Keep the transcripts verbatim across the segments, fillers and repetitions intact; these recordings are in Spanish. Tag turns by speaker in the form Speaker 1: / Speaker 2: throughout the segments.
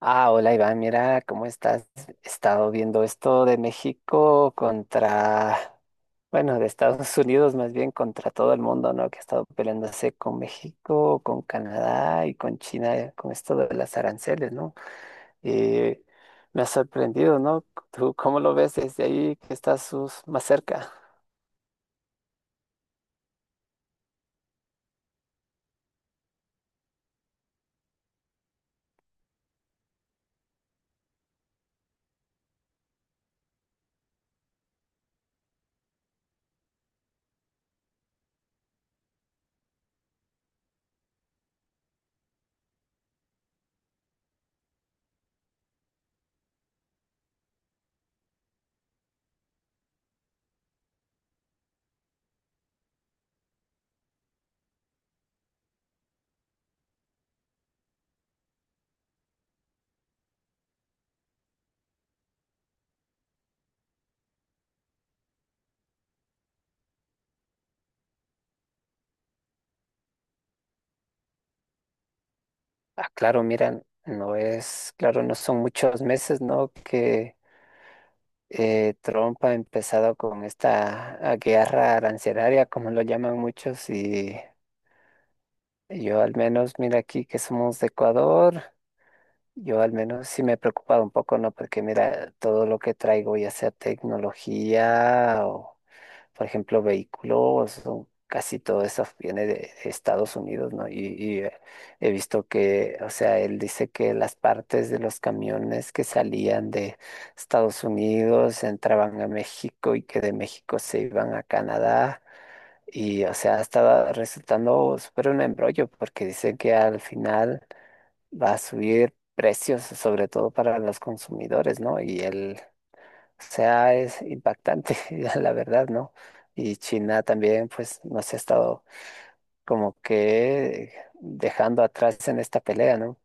Speaker 1: Ah, hola Iván, mira cómo estás. He estado viendo esto de México contra, bueno, de Estados Unidos más bien contra todo el mundo, ¿no? Que ha estado peleándose con México, con Canadá y con China, con esto de las aranceles, ¿no? Y me ha sorprendido, ¿no? ¿Tú cómo lo ves desde ahí que estás sus- más cerca? Ah, claro, mira, no es, claro, no son muchos meses, ¿no? Que eh, Trump ha empezado con esta ah, guerra arancelaria, como lo llaman muchos, y yo al menos, mira aquí que somos de Ecuador, yo al menos sí me he preocupado un poco, ¿no? Porque mira, todo lo que traigo, ya sea tecnología o por ejemplo, vehículos, o casi todo eso viene de Estados Unidos, ¿no? Y, y, eh, he visto que, o sea, él dice que las partes de los camiones que salían de Estados Unidos entraban a México y que de México se iban a Canadá. Y, o sea, estaba resultando súper un embrollo porque dice que al final va a subir precios, sobre todo para los consumidores, ¿no? Y él sea, es impactante, la verdad, ¿no? Y China también, pues, nos ha estado como que dejando atrás en esta pelea, ¿no?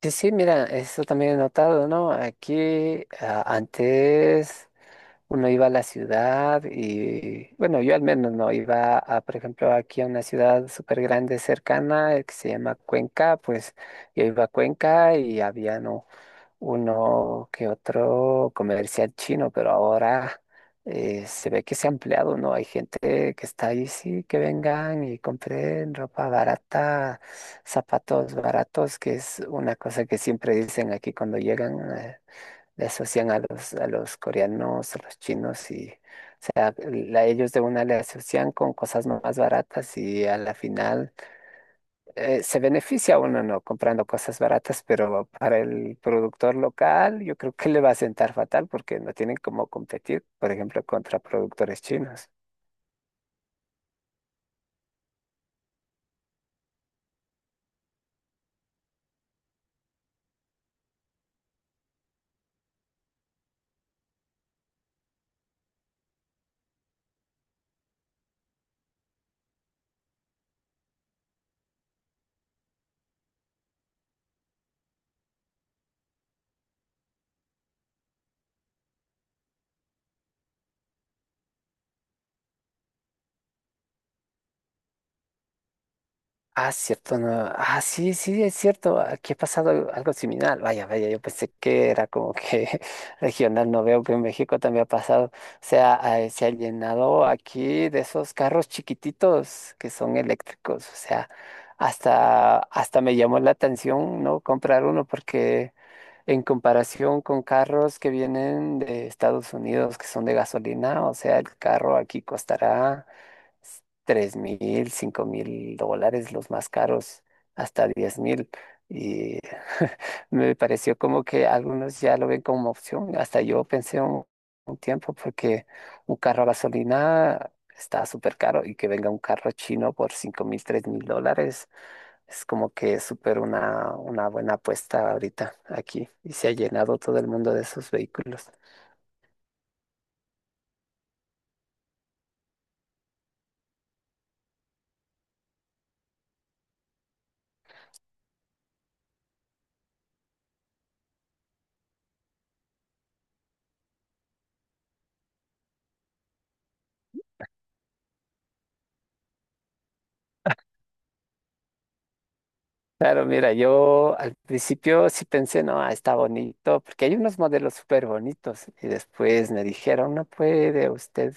Speaker 1: Sí, sí, mira, eso también he notado, ¿no? Aquí ah, antes uno iba a la ciudad y, bueno, yo al menos no iba a, por ejemplo, aquí a una ciudad súper grande cercana eh, que se llama Cuenca, pues yo iba a Cuenca y había, ¿no? Uno que otro comercial chino, pero ahora eh, se ve que se ha ampliado, ¿no? Hay gente que está ahí, sí, que vengan y compren ropa barata, zapatos baratos, que es una cosa que siempre dicen aquí cuando llegan, eh, le asocian a los, a los coreanos, a los chinos y... O sea, la- ellos de una le asocian con cosas más baratas y a la final eh, se beneficia uno no comprando cosas baratas, pero para el productor local yo creo que le va a sentar fatal porque no tienen cómo competir, por ejemplo, contra productores chinos. Ah, cierto, no. Ah, sí, sí, es cierto. Aquí ha pasado algo algo similar. Vaya, vaya, yo pensé que era como que regional. No veo que en México también ha pasado. O sea, ah, se ha llenado aquí de esos carros chiquititos que son eléctricos. O sea, hasta, hasta me llamó la atención no comprar uno porque en comparación con carros que vienen de Estados Unidos, que son de gasolina, o sea, el carro aquí costará tres mil, cinco mil dólares, los más caros, hasta diez mil. Y me pareció como que algunos ya lo ven como opción. Hasta yo pensé un, un tiempo, porque un carro a gasolina está súper caro y que venga un carro chino por cinco mil, tres mil dólares. Es como que es súper una, una buena apuesta ahorita aquí y se ha llenado todo el mundo de esos vehículos. Claro, mira, yo al principio sí pensé, no, ah, está bonito, porque hay unos modelos súper bonitos y después me dijeron, no puede usted.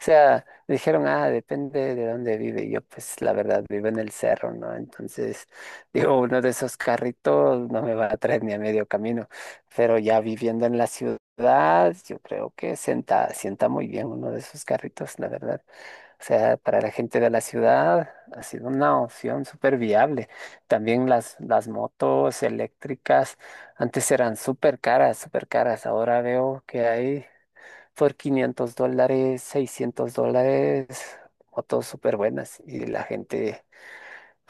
Speaker 1: O sea, dijeron, ah, depende de dónde vive. Y yo, pues, la verdad, vivo en el cerro, ¿no? Entonces, digo, uno de esos carritos no me va a traer ni a medio camino. Pero ya viviendo en la ciudad, yo creo que sienta, sienta muy bien uno de esos carritos, la verdad. O sea, para la gente de la ciudad ha sido una opción súper viable. También las, las motos eléctricas, antes eran súper caras, súper caras. Ahora veo que hay por quinientos dólares, seiscientos dólares, motos súper buenas y la gente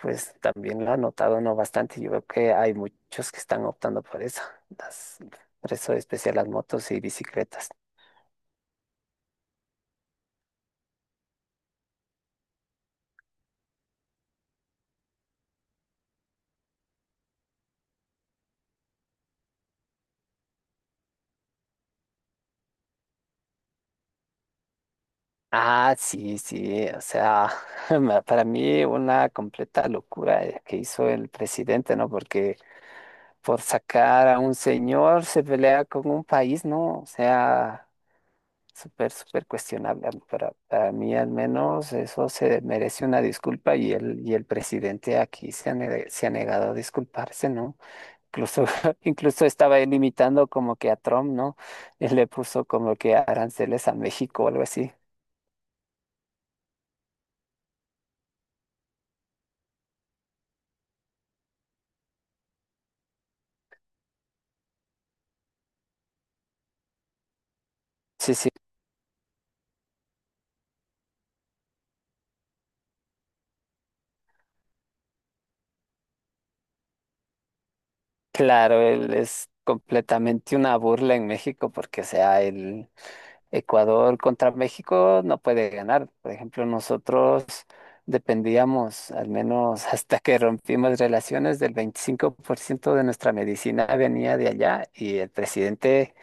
Speaker 1: pues también lo ha notado, ¿no? Bastante. Yo veo que hay muchos que están optando por eso, las, por eso especial las motos y bicicletas. Ah, sí, sí, o sea, ma- para mí una completa locura eh, que hizo el presidente, ¿no? Porque por sacar a un señor se pelea con un país, ¿no? O sea... súper, súper cuestionable. a- Para, para mí al menos eso se merece una disculpa y el, y el presidente aquí se ha, ne- se ha negado a disculparse, ¿no? Incluso, incluso estaba él imitando como que a Trump, ¿no? Él le puso como que aranceles a México o algo así. Sí, sí, claro, él es completamente una burla en México porque, o sea, él... Ecuador contra México no puede ganar. Por ejemplo, nosotros dependíamos, al menos hasta que rompimos relaciones, del veinticinco por ciento de nuestra medicina venía de allá y el presidente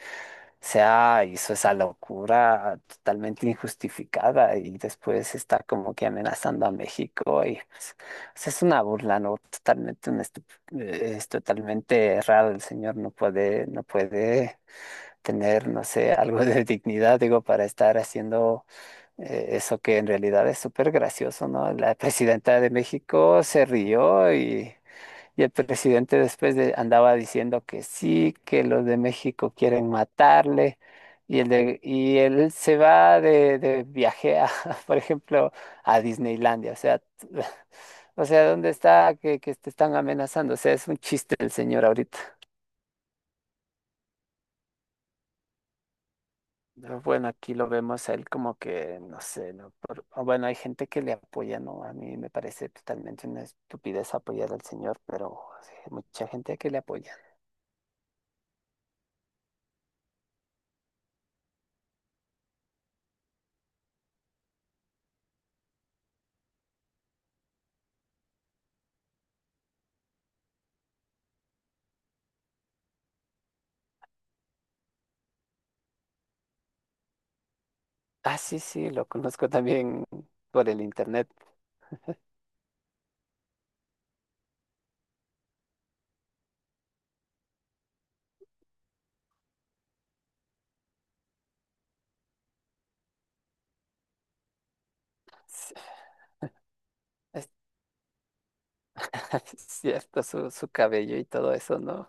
Speaker 1: se ha- hizo esa locura totalmente injustificada y después está como que amenazando a México y pues, pues, es una burla, ¿no? Totalmente, un estu- eh, es totalmente errado. El señor no puede, no puede tener, no sé, algo de dignidad, digo, para estar haciendo eh, eso que en realidad es súper gracioso, ¿no? La presidenta de México se rió y, y el presidente después de- andaba diciendo que sí, que los de México quieren matarle. Y, el de, y él se va de, de viaje a, por ejemplo, a Disneylandia. O sea, o sea, ¿dónde está que, que te están amenazando? O sea, es un chiste el señor ahorita. No, bueno, aquí lo vemos a él como que, no sé, ¿no? Por- o bueno, hay gente que le apoya, ¿no? A mí me parece totalmente una estupidez apoyar al señor, pero sí, hay mucha gente que le apoya. Ah, sí, sí, lo conozco también por el internet. Sí, es- cierto, su, su cabello y todo eso, ¿no?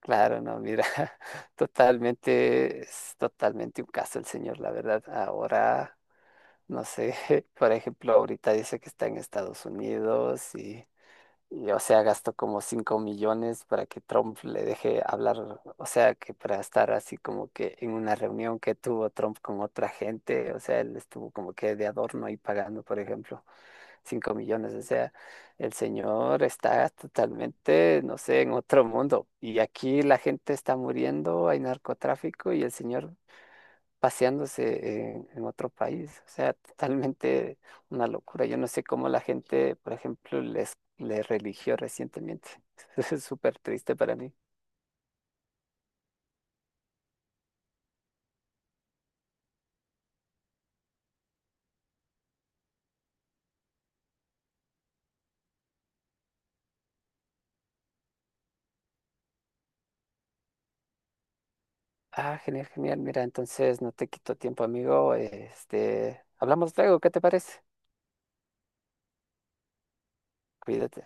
Speaker 1: Claro, no, mira, totalmente, es totalmente un caso el señor, la verdad. Ahora, no sé, por ejemplo, ahorita dice que está en Estados Unidos y Y, o sea, gastó como cinco millones para que Trump le deje hablar, o sea, que para estar así como que en una reunión que tuvo Trump con otra gente, o sea, él estuvo como que de adorno ahí pagando, por ejemplo, cinco millones. O sea, el señor está totalmente, no sé, en otro mundo. Y aquí la gente está muriendo, hay narcotráfico y el señor paseándose en, en otro país. O sea, totalmente una locura. Yo no sé cómo la gente, por ejemplo, les, les religió recientemente. Es súper triste para mí. Ah, genial, genial. Mira, entonces no te quito tiempo, amigo. Este, hablamos luego, ¿qué te parece? Cuídate.